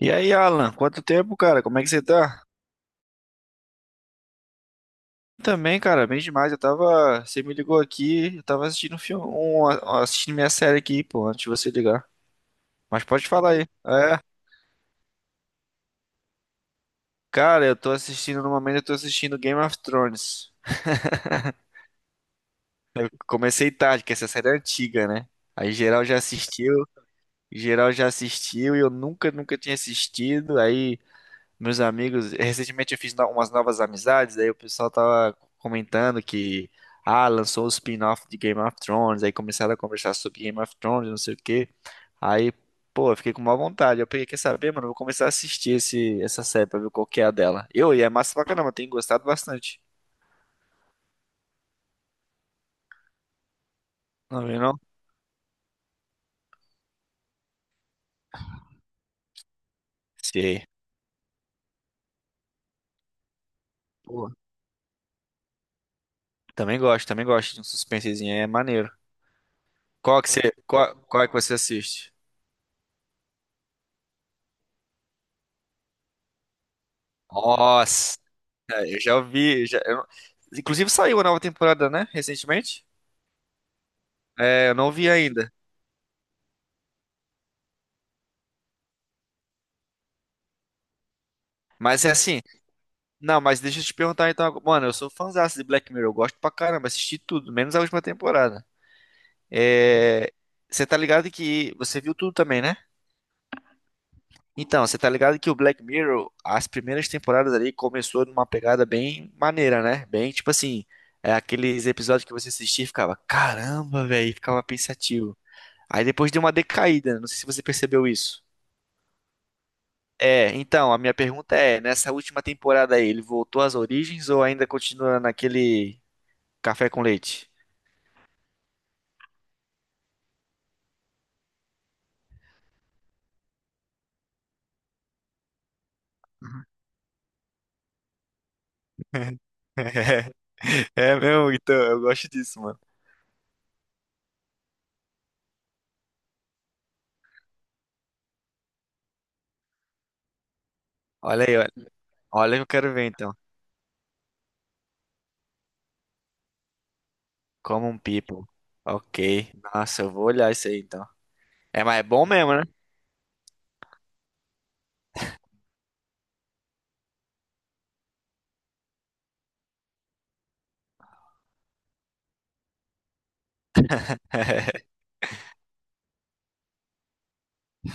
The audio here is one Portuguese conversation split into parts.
E aí, Alan, quanto tempo, cara? Como é que você tá? Também, cara, bem demais. Eu tava. Você me ligou aqui, eu tava assistindo um filme, assistindo minha série aqui, pô, antes de você ligar. Mas pode falar aí. É, Cara, eu tô assistindo, no momento eu tô assistindo Game of Thrones. Comecei tarde, que essa série é antiga, né? Aí geral já assistiu e eu nunca tinha assistido. Aí meus amigos, recentemente eu fiz umas novas amizades, aí o pessoal tava comentando que, ah, lançou o spin-off de Game of Thrones, aí começaram a conversar sobre Game of Thrones, não sei o quê. Aí, pô, eu fiquei com má vontade. Eu peguei, quer saber, mano, eu vou começar a assistir essa série pra ver qual que é a dela. Eu, e é massa pra caramba, eu tenho gostado bastante. Não viu, não? Sei. Pô, também gosto de um suspensezinho, aí, é maneiro. Qual que você, qual é que você assiste? Nossa! É, eu já ouvi. Já, eu não- inclusive saiu a nova temporada, né? Recentemente. É, eu não vi ainda. Mas é assim. Não, mas deixa eu te perguntar então. Mano, eu sou fãzaço de Black Mirror. Eu gosto pra caramba. Assisti tudo, menos a última temporada. É, você tá ligado que. Você viu tudo também, né? Então, você tá ligado que o Black Mirror, as primeiras temporadas ali, começou numa pegada bem maneira, né? Bem, tipo assim. É aqueles episódios que você assistia e ficava, caramba, velho, ficava pensativo. Aí depois deu uma decaída, não sei se você percebeu isso. É, então, a minha pergunta é, nessa última temporada aí, ele voltou às origens ou ainda continua naquele café com leite? É mesmo, então, eu gosto disso, mano. Olha aí, olha, olha que eu quero ver então. Como um people. Ok. Nossa, eu vou olhar isso aí então. É, mas é bom mesmo, né?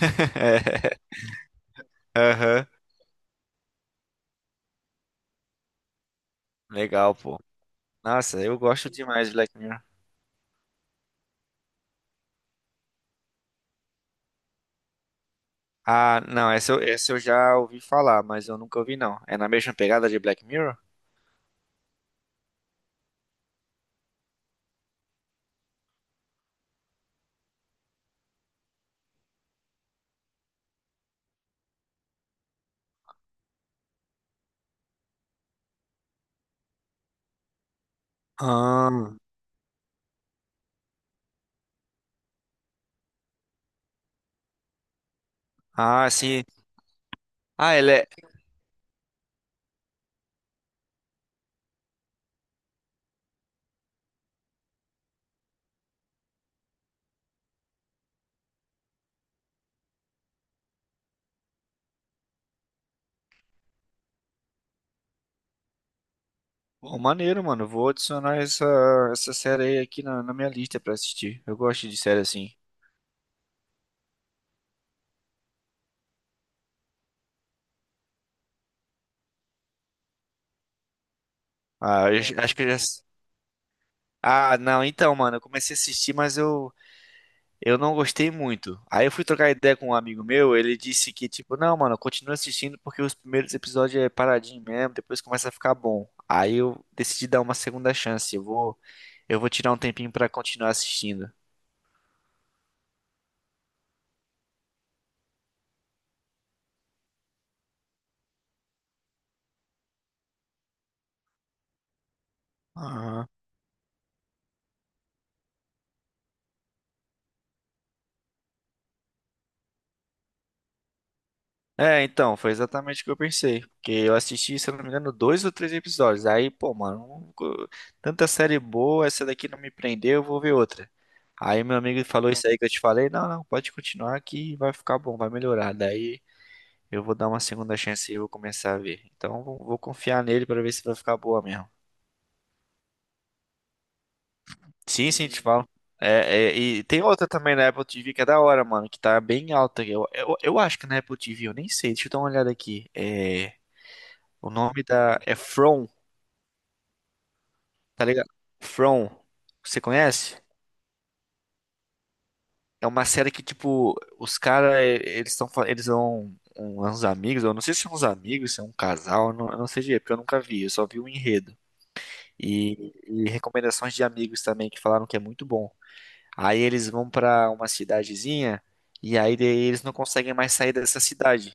Aham. Legal, pô. Nossa, eu gosto demais de Black Mirror. Ah, não, essa eu já ouvi falar, mas eu nunca ouvi não. É na mesma pegada de Black Mirror? Ah, ah, sim. Ah, ela é. Pô, maneiro, mano. Vou adicionar essa, essa série aí aqui na minha lista pra assistir. Eu gosto de série assim. Ah, eu é, acho que eu já. Ah, não, então, mano, eu comecei a assistir, mas eu não gostei muito. Aí eu fui trocar ideia com um amigo meu, ele disse que, tipo, não, mano, continua assistindo porque os primeiros episódios é paradinho mesmo, depois começa a ficar bom. Aí eu decidi dar uma segunda chance. Eu vou tirar um tempinho pra continuar assistindo. É, então, foi exatamente o que eu pensei. Porque eu assisti, se eu não me engano, dois ou três episódios. Aí, pô, mano, um co- tanta série boa, essa daqui não me prendeu, eu vou ver outra. Aí meu amigo falou isso aí que eu te falei. Não, não, pode continuar que vai ficar bom, vai melhorar. Daí eu vou dar uma segunda chance e vou começar a ver. Então vou, vou confiar nele pra ver se vai ficar boa mesmo. Sim, sim, te falo. É, é, e tem outra também na Apple TV que é da hora, mano, que tá bem alta. Eu acho que na Apple TV, eu nem sei, deixa eu dar uma olhada aqui. É, o nome da. É From, tá ligado? From. Você conhece? É uma série que, tipo, os caras, eles estão. Eles são uns amigos, eu não sei se são uns amigos, se é um casal, eu não sei direito, porque eu nunca vi, eu só vi o enredo. E recomendações de amigos também que falaram que é muito bom. Aí eles vão pra uma cidadezinha e aí daí eles não conseguem mais sair dessa cidade.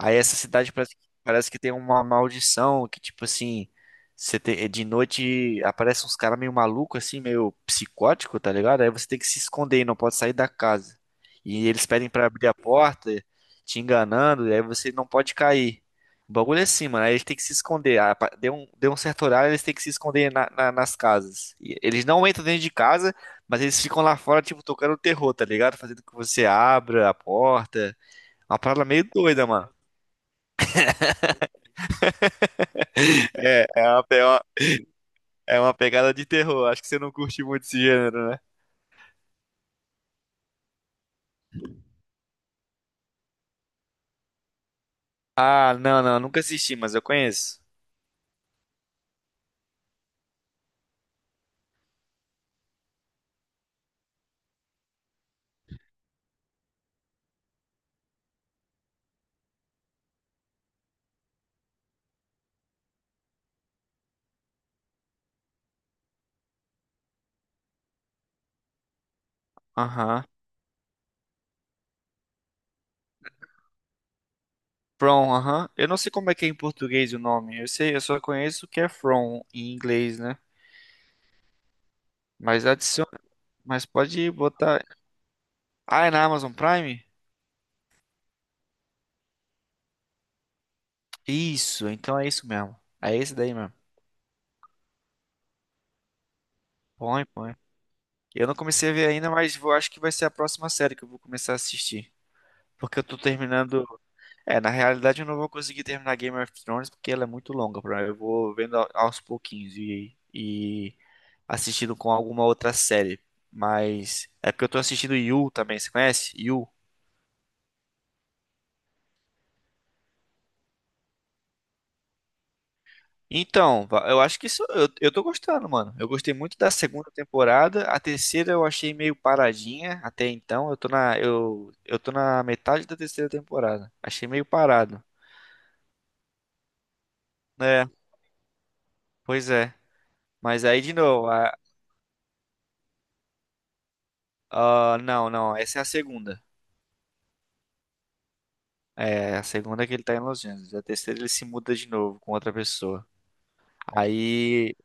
Aí essa cidade parece, parece que tem uma maldição que, tipo assim, de noite aparecem uns caras meio maluco assim, meio psicótico, tá ligado? Aí você tem que se esconder e não pode sair da casa. E eles pedem pra abrir a porta, te enganando, e aí você não pode cair. O bagulho é assim, mano. Aí eles têm que se esconder. Ah, deu um, deu um certo horário, eles têm que se esconder nas casas. E eles não entram dentro de casa, mas eles ficam lá fora, tipo, tocando terror, tá ligado? Fazendo que você abra a porta. Uma parada meio doida, mano. É, é uma, é uma, é uma pegada de terror. Acho que você não curte muito esse gênero, né? Ah, não, não, nunca assisti, mas eu conheço. Aham. From, aham. Eu não sei como é que é em português o nome. Eu sei, eu só conheço o que é From em inglês, né? Mas adiciona, mas pode botar. Ah, é na Amazon Prime? Isso, então é isso mesmo. É esse daí mesmo. Põe, põe. Eu não comecei a ver ainda, mas vou, acho que vai ser a próxima série que eu vou começar a assistir. Porque eu tô terminando. É, na realidade eu não vou conseguir terminar Game of Thrones porque ela é muito longa, pra mim. Eu vou vendo aos pouquinhos e assistindo com alguma outra série. Mas é porque eu tô assistindo You também, você conhece? You. Então, eu acho que eu tô gostando, mano. Eu gostei muito da segunda temporada. A terceira eu achei meio paradinha até então. Eu tô eu tô na metade da terceira temporada. Achei meio parado. É, pois é. Mas aí de novo, não, não, essa é a segunda. É, a segunda é que ele tá em Los Angeles. A terceira ele se muda de novo com outra pessoa. Aí,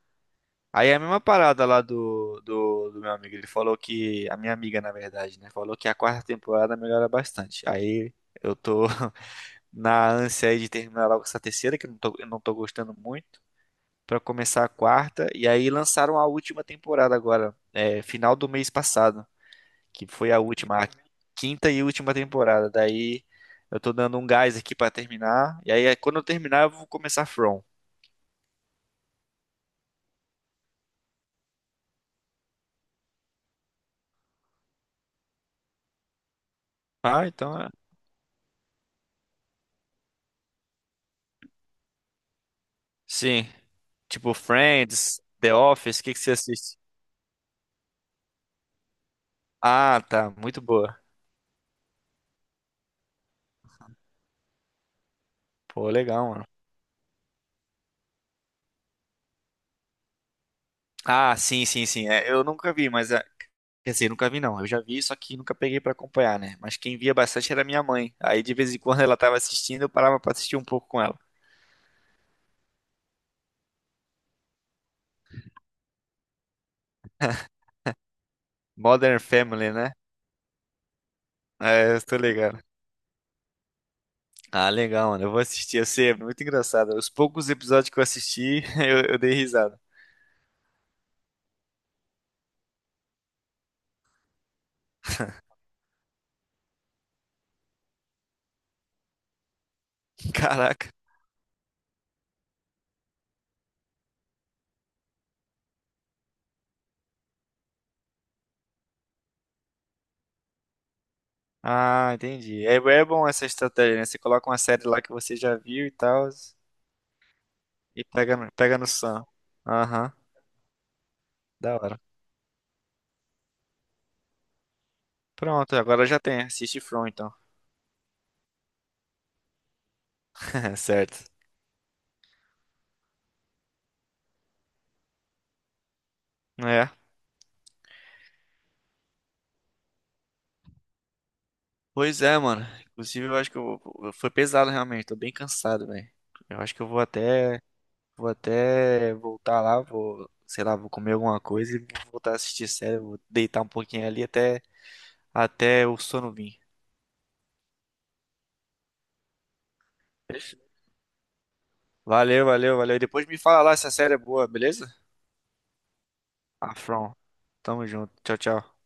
aí é a mesma parada lá do meu amigo. Ele falou que, a minha amiga, na verdade, né? Falou que a quarta temporada melhora bastante. Aí eu tô na ânsia aí de terminar logo essa terceira, que eu não tô gostando muito, pra começar a quarta. E aí lançaram a última temporada agora, é, final do mês passado que foi a última, a quinta e última temporada. Daí eu tô dando um gás aqui pra terminar. E aí é, quando eu terminar, eu vou começar From. Ah, então é. Sim. Tipo Friends, The Office, o que que você assiste? Ah, tá, muito boa. Pô, legal, mano. Ah, sim, sim, sim. É, eu nunca vi, mas é, quer dizer, nunca vi não. Eu já vi, só que nunca peguei pra acompanhar, né? Mas quem via bastante era minha mãe. Aí de vez em quando ela tava assistindo, eu parava pra assistir um pouco com ela. Modern Family, né? É, eu tô ligado. Ah, legal, mano. Eu vou assistir. Eu sei, é muito engraçado. Os poucos episódios que eu assisti, eu dei risada. Caraca. Ah, entendi. É, é bom essa estratégia, né? Você coloca uma série lá que você já viu e tal, e pega, pega no sono. Aham, da hora. Pronto, agora já tem. Assiste From, então. Certo. É. Pois é, mano. Inclusive, eu acho que eu, foi pesado realmente. Tô bem cansado, velho. Eu acho que eu vou até vou até voltar lá, vou, sei lá, vou comer alguma coisa e vou voltar a assistir série, vou deitar um pouquinho ali até o sono vir. Fechou. Valeu, valeu, valeu. E depois me fala lá se a série é boa, beleza? Afron. Tamo junto. Tchau, tchau.